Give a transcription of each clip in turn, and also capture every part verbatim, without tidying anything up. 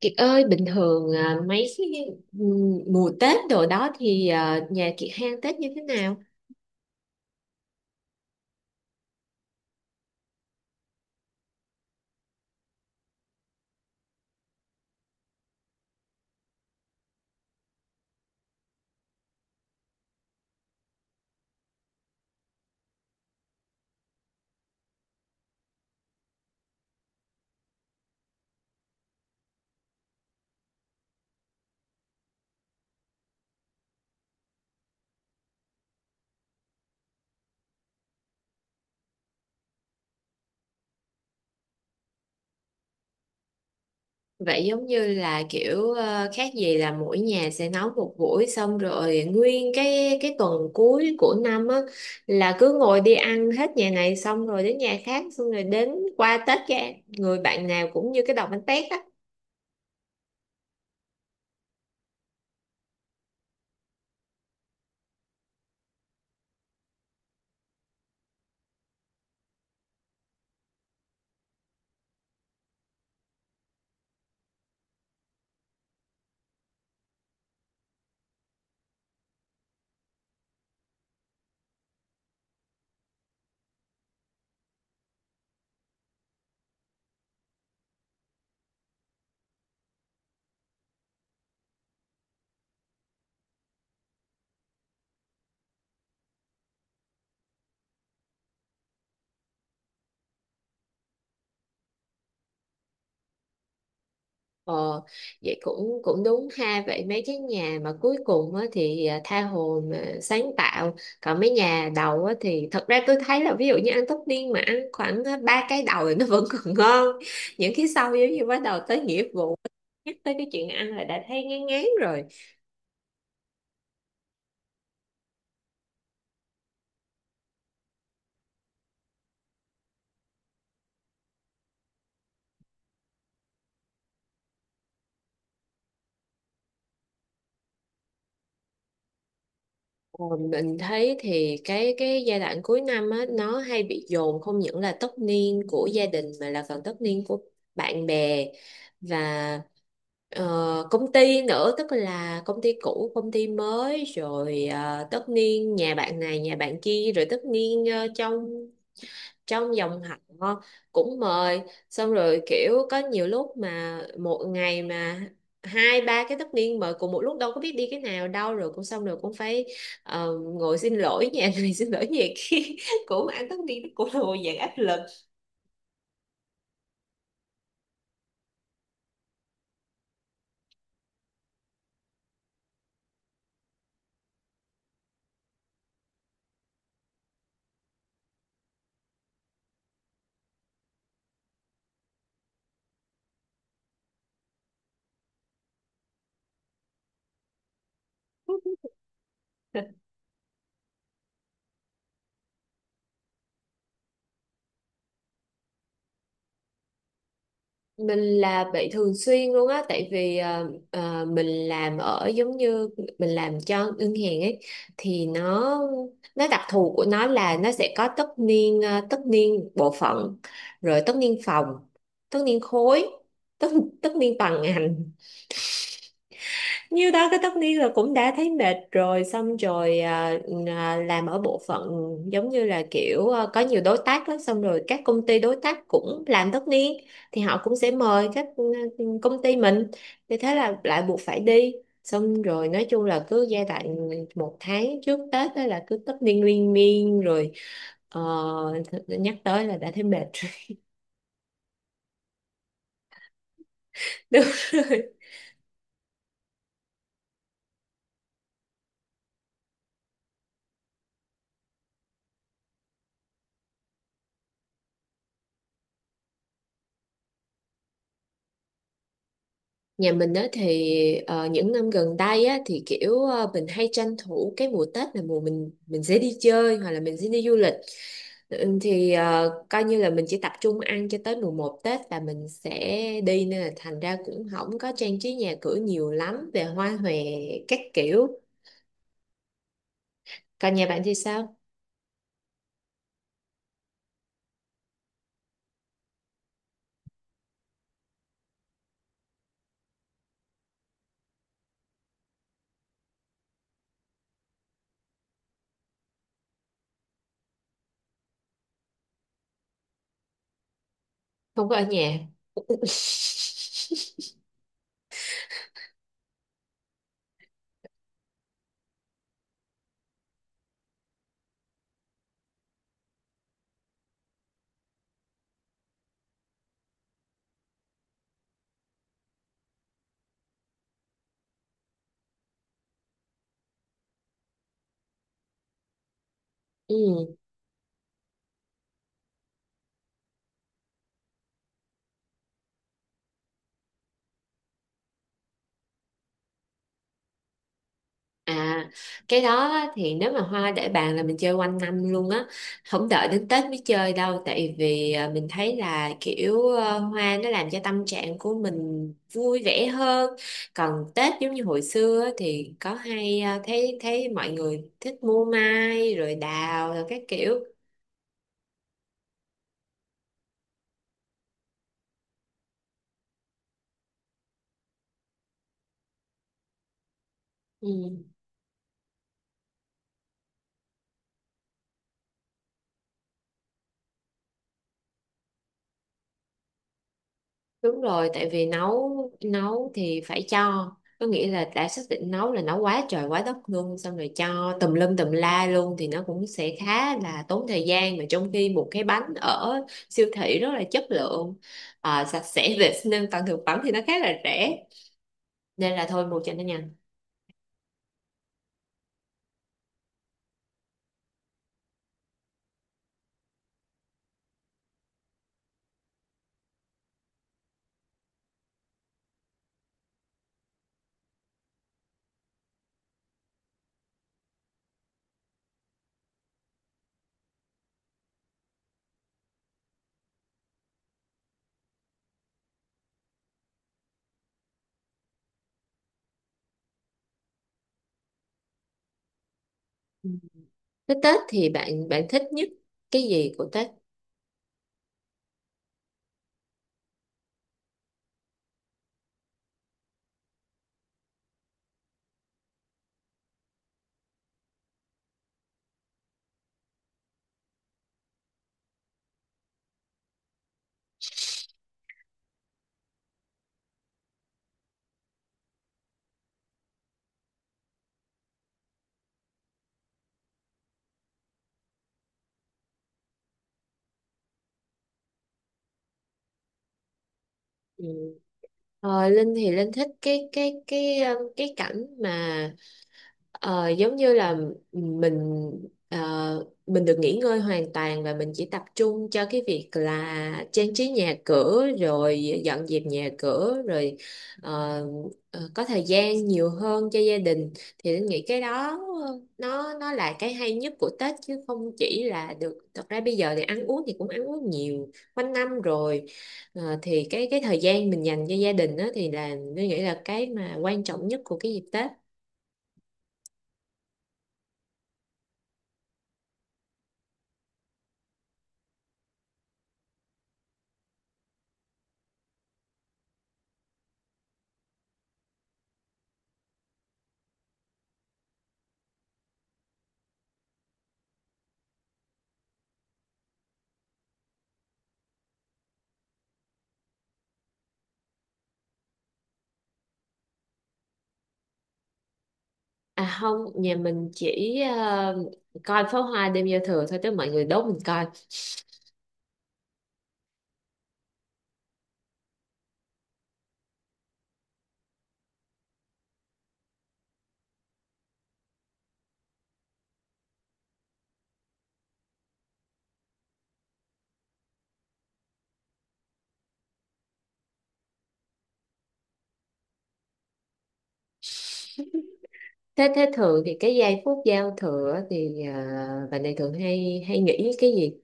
Kiệt ơi, bình thường à, mấy cái ừm, mùa Tết đồ đó thì à, nhà Kiệt hang Tết như thế nào? Vậy giống như là kiểu ờ, khác gì là mỗi nhà sẽ nấu một buổi, xong rồi nguyên cái cái tuần cuối của năm á là cứ ngồi đi ăn hết nhà này xong rồi đến nhà khác xong rồi đến qua Tết, cái người bạn nào cũng như cái đòn bánh tét á. Ờ, Vậy cũng cũng đúng ha. Vậy mấy cái nhà mà cuối cùng á thì à, tha hồ mà sáng tạo. Còn mấy nhà đầu á thì thật ra tôi thấy là ví dụ như ăn tất niên mà ăn khoảng à, ba cái đầu thì nó vẫn còn ngon, những cái sau giống như bắt đầu tới nghĩa vụ, nhắc tới cái chuyện ăn là đã thấy ngán ngán rồi. Ờ, Mình thấy thì cái cái giai đoạn cuối năm á nó hay bị dồn, không những là tất niên của gia đình mà là còn tất niên của bạn bè và ờ, công ty nữa, tức là công ty cũ, công ty mới, rồi ờ, tất niên nhà bạn này nhà bạn kia, rồi tất niên ờ, trong trong dòng họ cũng mời. Xong rồi kiểu có nhiều lúc mà một ngày mà hai ba cái tất niên mời cùng một lúc, đâu có biết đi cái nào đâu, rồi cũng xong rồi cũng phải ờ, ngồi xin lỗi nhà này, xin lỗi nhà kia cũng ăn tất niên cũng là một dạng áp lực. Mình là bị thường xuyên luôn á, tại vì ờ, ờ, mình làm ở giống như mình làm cho ngân hàng ấy, thì nó nó đặc thù của nó là nó sẽ có tất niên, ờ, tất niên bộ phận, rồi tất niên phòng, tất niên khối, tất tất niên toàn ngành. Nhiêu đó cái tất niên là cũng đã thấy mệt rồi. Xong rồi à, à, làm ở bộ phận giống như là kiểu à, có nhiều đối tác lắm, xong rồi các công ty đối tác cũng làm tất niên thì họ cũng sẽ mời các ừ, công ty mình, thì thế là lại buộc phải đi. Xong rồi nói chung là cứ giai đoạn một tháng trước Tết đó là cứ tất niên liên miên rồi. ờ, th- Nhắc tới là đã thấy mệt rồi. Đúng rồi. Nhà mình á thì ờ, những năm gần đây á thì kiểu ờ, mình hay tranh thủ cái mùa Tết là mùa mình mình sẽ đi chơi hoặc là mình sẽ đi du lịch. Ừ, thì ờ, coi như là mình chỉ tập trung ăn cho tới mùa một Tết là mình sẽ đi, nên là thành ra cũng không có trang trí nhà cửa nhiều lắm về hoa hòe các kiểu. Còn nhà bạn thì sao? Không có ở nhà. Ừ. À, cái đó á thì nếu mà hoa để bàn là mình chơi quanh năm luôn á, không đợi đến Tết mới chơi đâu, tại vì à, mình thấy là kiểu ờ, hoa nó làm cho tâm trạng của mình vui vẻ hơn. Còn Tết giống như hồi xưa á thì có hay à, thấy thấy mọi người thích mua mai rồi đào rồi các kiểu. Ừ. Đúng rồi, tại vì nấu nấu thì phải cho, có nghĩa là đã xác định nấu là nấu quá trời quá đất luôn, xong rồi cho tùm lum tùm la luôn thì nó cũng sẽ khá là tốn thời gian, mà trong khi một cái bánh ở siêu thị rất là chất lượng, à, sạch sẽ vệ sinh an toàn thực phẩm, thì nó khá là rẻ, nên là thôi mua cho nó nhanh. Ừ. Thế Tết thì bạn bạn thích nhất cái gì của Tết? Ừ. Ờ, Linh thì Linh thích cái cái cái um, cái cảnh mà Ờ, giống như là mình ờ, mình được nghỉ ngơi hoàn toàn, và mình chỉ tập trung cho cái việc là trang trí nhà cửa rồi dọn dẹp nhà cửa, rồi ờ, ờ, có thời gian nhiều hơn cho gia đình, thì Linh nghĩ cái đó ờ, nó nó là cái hay nhất của Tết, chứ không chỉ là được, thật ra bây giờ thì ăn uống thì cũng ăn uống nhiều quanh năm rồi. Ờ, thì cái cái thời gian mình dành cho gia đình đó thì là Linh nghĩ là cái mà quan trọng nhất của cái dịp Tết. À không, nhà mình chỉ ờ, coi pháo hoa đêm giao thừa thôi, tức mọi người đốt mình coi. Thế thế thường thì cái giây phút giao thừa á thì uh, bạn này thường hay hay nghĩ cái gì?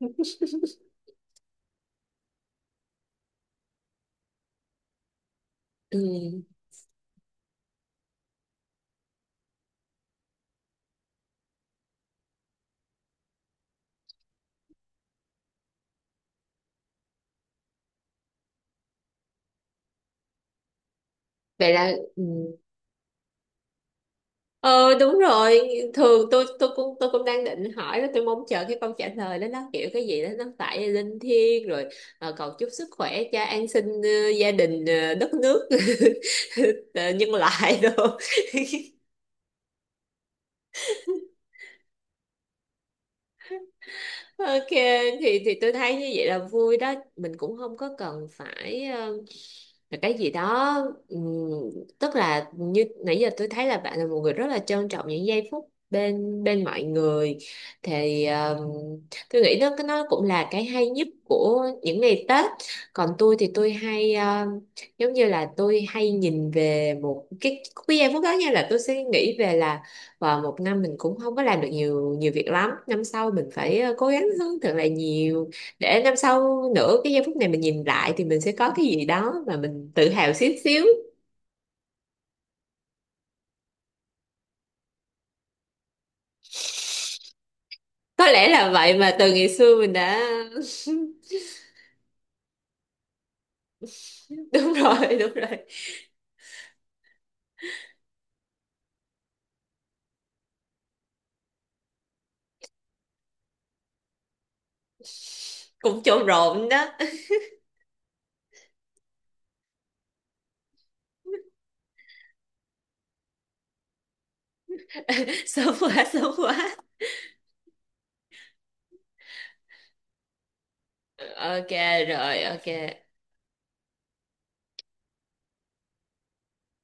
Ừ. Vậy là ừ. Ờ, đúng rồi, thường tôi tôi cũng tôi cũng đang định hỏi đó, tôi mong chờ cái câu trả lời đó nó kiểu cái gì đó nó phải linh thiêng rồi, ờ, cầu chúc sức khỏe cho an sinh, ờ, gia đình, ờ, đất nước ờ, nhân loại đồ. Ok, thì thì tôi thấy như vậy là vui đó, mình cũng không có cần phải ờ, là cái gì đó, ừm, tức là như nãy giờ tôi thấy là bạn là một người rất là trân trọng những giây phút bên bên mọi người, thì ờ, tôi nghĩ đó cái nó cũng là cái hay nhất của những ngày Tết. Còn tôi thì tôi hay ờ, giống như là tôi hay nhìn về một cái, cái giây phút đó, như là tôi sẽ nghĩ về là và một năm mình cũng không có làm được nhiều nhiều việc lắm, năm sau mình phải ờ, cố gắng hơn thật là nhiều, để năm sau nữa cái giây phút này mình nhìn lại thì mình sẽ có cái gì đó mà mình tự hào xíu xíu. Có lẽ là vậy mà từ ngày xưa mình đã đúng rồi, đúng rồi, cũng trộn rộn đó. Sớm quá, sớm quá. Ok rồi. Ok.